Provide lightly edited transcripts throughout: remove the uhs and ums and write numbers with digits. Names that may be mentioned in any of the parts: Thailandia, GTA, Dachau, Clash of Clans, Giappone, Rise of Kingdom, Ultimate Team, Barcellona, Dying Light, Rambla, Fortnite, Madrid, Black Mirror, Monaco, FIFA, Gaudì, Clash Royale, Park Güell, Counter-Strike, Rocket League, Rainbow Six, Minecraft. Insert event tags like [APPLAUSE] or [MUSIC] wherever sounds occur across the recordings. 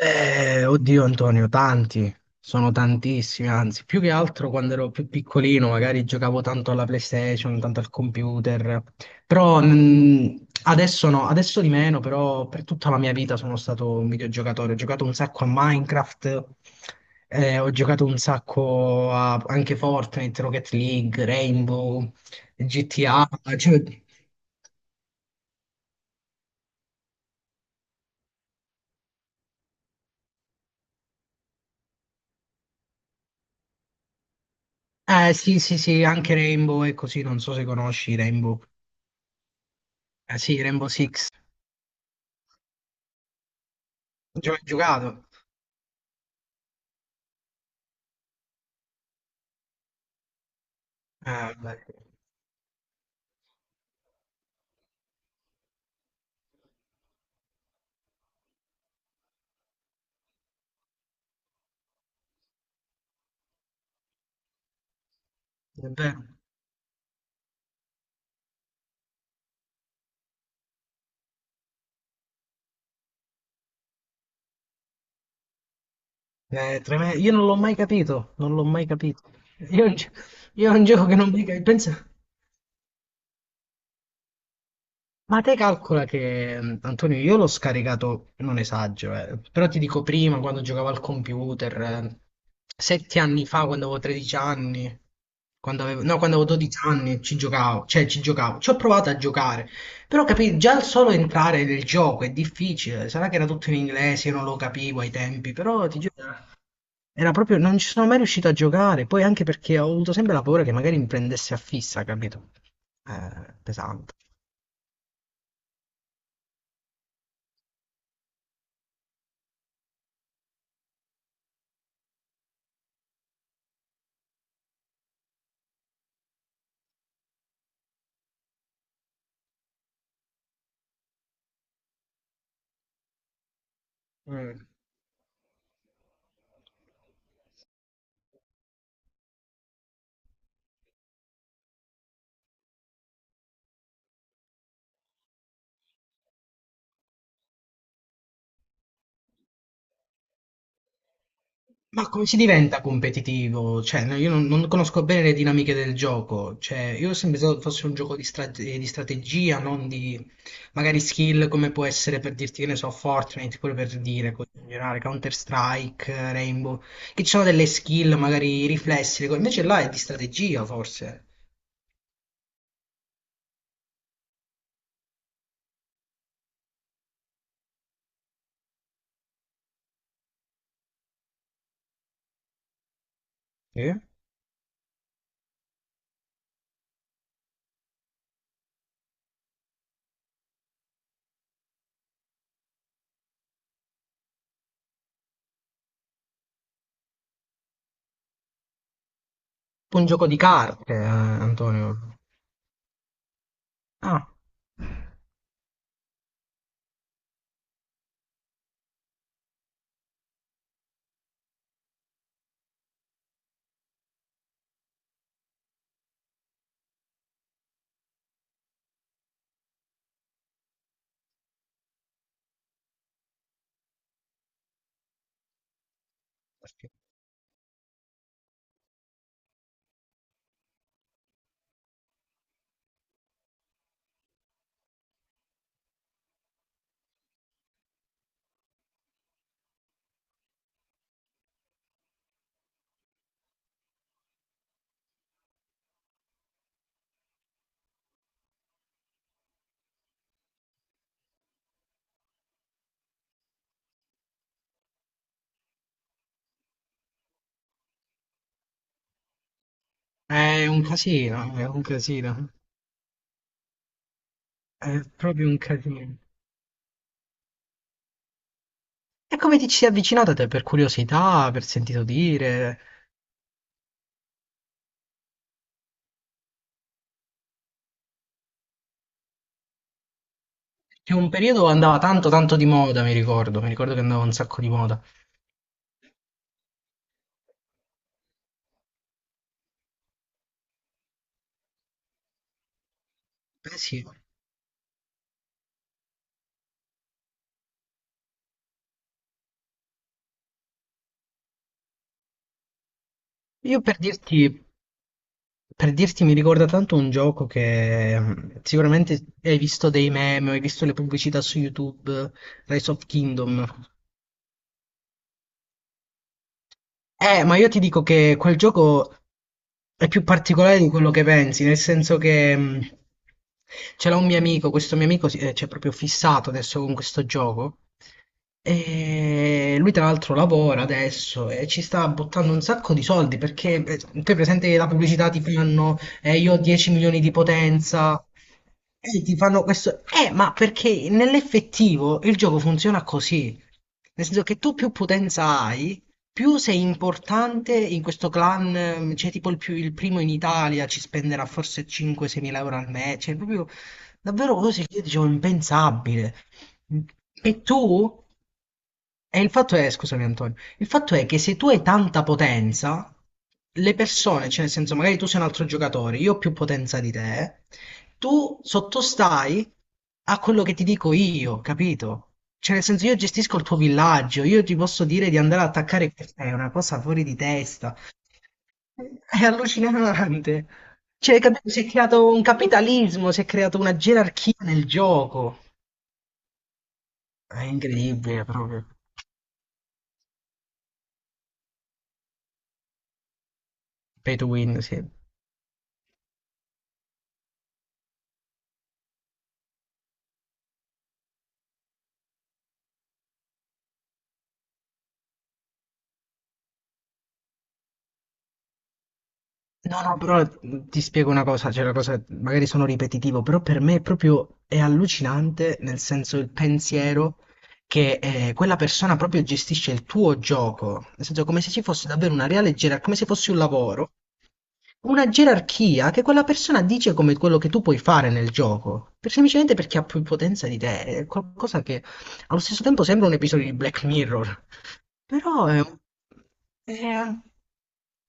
Oddio Antonio, tanti, sono tantissimi, anzi, più che altro quando ero più piccolino, magari giocavo tanto alla PlayStation, tanto al computer, però adesso no, adesso di meno, però per tutta la mia vita sono stato un videogiocatore, ho giocato un sacco a Minecraft, ho giocato un sacco a anche Fortnite, Rocket League, Rainbow, GTA. Cioè, eh sì, sì, sì, anche Rainbow e così, non so se conosci Rainbow. Eh sì, Rainbow Six. Giocato. Beh, è vero. È tremendo. Io non l'ho mai capito, non l'ho mai capito. Io, è un gio- io è un gioco che non mi capisco. Pensa. Ma te calcola che, Antonio, io l'ho scaricato, non esagero, però ti dico prima, quando giocavo al computer, 7 anni fa, quando avevo 13 anni, quando avevo, no, quando avevo 12 anni, ci giocavo, cioè ci giocavo, ci ho provato a giocare, però capì, già il solo entrare nel gioco è difficile, sarà che era tutto in inglese, io non lo capivo ai tempi, però ti giuro, era proprio, non ci sono mai riuscito a giocare, poi anche perché ho avuto sempre la paura che magari mi prendesse a fissa, capito? Pesante. Mm. Ma come si diventa competitivo? Cioè, no, io non conosco bene le dinamiche del gioco. Cioè, io ho sempre pensato fosse un gioco di strategia, non di magari skill come può essere per dirti, che ne so, Fortnite, pure per dire, così in generale, Counter-Strike, Rainbow, che ci sono delle skill, magari riflessi, le cose. Invece là è di strategia, forse. Sì? Un gioco di carte, Antonio. Ah, è un casino, è un casino. È proprio un casino. E come ti ci sei avvicinata te? Per curiosità, per sentito dire? Che un periodo andava tanto tanto di moda, mi ricordo che andava un sacco di moda. Eh sì, io per dirti mi ricorda tanto un gioco che sicuramente hai visto dei meme, hai visto le pubblicità su YouTube, Rise of Kingdom. Ma io ti dico che quel gioco è più particolare di quello che pensi, nel senso che ce l'ha un mio amico, questo mio amico c'è proprio fissato adesso con questo gioco. E lui tra l'altro lavora adesso e ci sta buttando un sacco di soldi perché te presente che la pubblicità ti fanno io ho 10 milioni di potenza e ti fanno questo ma perché nell'effettivo il gioco funziona così, nel senso che tu più potenza hai più sei importante in questo clan, cioè tipo il primo in Italia ci spenderà forse 5-6 mila euro al mese, cioè proprio davvero cose che io dicevo impensabile. E tu? E il fatto è, scusami Antonio, il fatto è che se tu hai tanta potenza, le persone, cioè nel senso magari tu sei un altro giocatore, io ho più potenza di te, tu sottostai a quello che ti dico io, capito? Cioè nel senso io gestisco il tuo villaggio, io ti posso dire di andare ad attaccare, è una cosa fuori di testa, è allucinante. Cioè, capito? Si è creato un capitalismo, si è creata una gerarchia nel gioco. È incredibile proprio. Pay to win, sì. No, no, però ti spiego una cosa, cioè la cosa, magari sono ripetitivo, però per me è proprio è allucinante, nel senso il pensiero che quella persona proprio gestisce il tuo gioco, nel senso come se ci fosse davvero una reale gerarchia, come se fosse un lavoro, una gerarchia che quella persona dice come quello che tu puoi fare nel gioco, semplicemente perché ha più potenza di te, è qualcosa che allo stesso tempo sembra un episodio di Black Mirror, però è-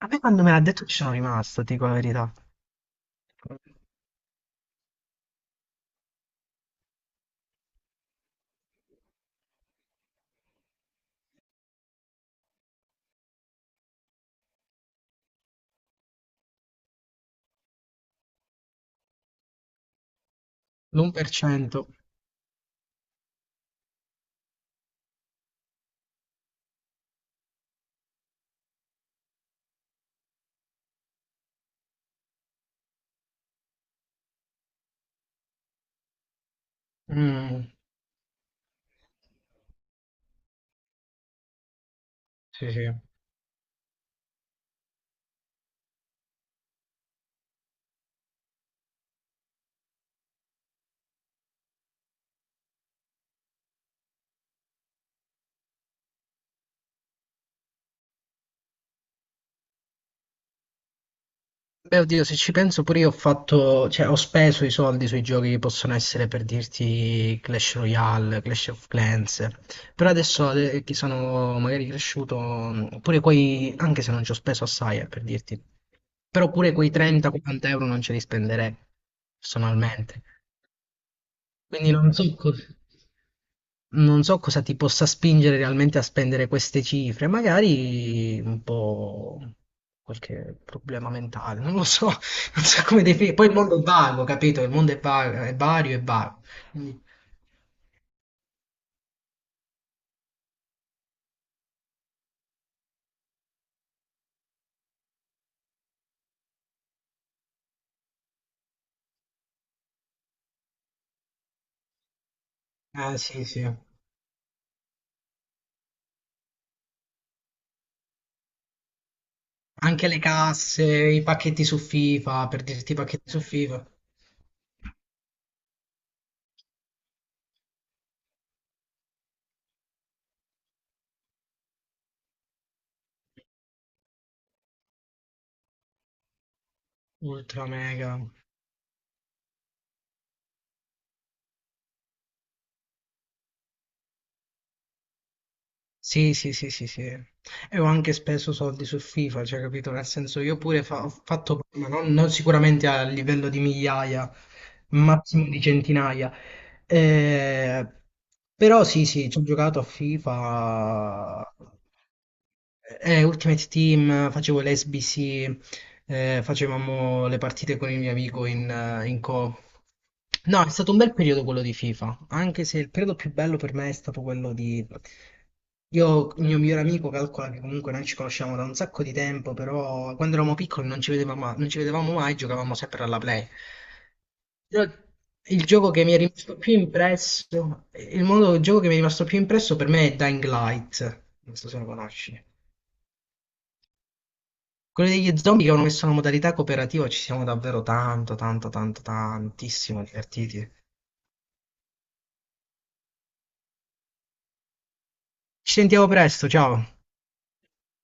a me quando me l'ha detto ci sono rimasto, ti dico la verità. L'un per cento. Mh, sì, sì. Beh, oddio, se ci penso pure io ho fatto, cioè ho speso i soldi sui giochi che possono essere per dirti Clash Royale, Clash of Clans, però adesso che sono magari cresciuto, pure quei, anche se non ci ho speso assai, per dirti, però pure quei 30-40 euro non ce li spenderei, personalmente. Quindi non so cosa. Non so cosa ti possa spingere realmente a spendere queste cifre, magari un po' qualche problema mentale, non lo so, [LAUGHS] non so come definire. Poi il mondo è vago, capito? Il mondo è vago, è vario e vago. Quindi- Ah, sì, sì. Anche le casse, i pacchetti su FIFA, per dirti i pacchetti su FIFA, ultra mega. Sì, sì, sì, sì, sì. E ho anche speso soldi su FIFA, cioè, capito? Nel senso, io pure ho fatto, ma non sicuramente a livello di migliaia, massimo di centinaia, eh, però sì, sì, ci ho giocato a FIFA, Ultimate Team, facevo l'SBC, facevamo le partite con il mio amico in co. No, è stato un bel periodo quello di FIFA, anche se il periodo più bello per me è stato quello di. Io, il mio migliore amico, calcola che comunque noi ci conosciamo da un sacco di tempo, però quando eravamo piccoli non ci vedevamo, non ci vedevamo mai, giocavamo sempre alla Play. Però il gioco che mi è rimasto più impresso, il gioco che mi è rimasto più impresso per me è Dying Light, non so se lo conosci. Quello degli zombie che hanno messo una modalità cooperativa, ci siamo davvero tanto, tanto, tanto, tantissimo divertiti. Ci sentiamo presto, ciao.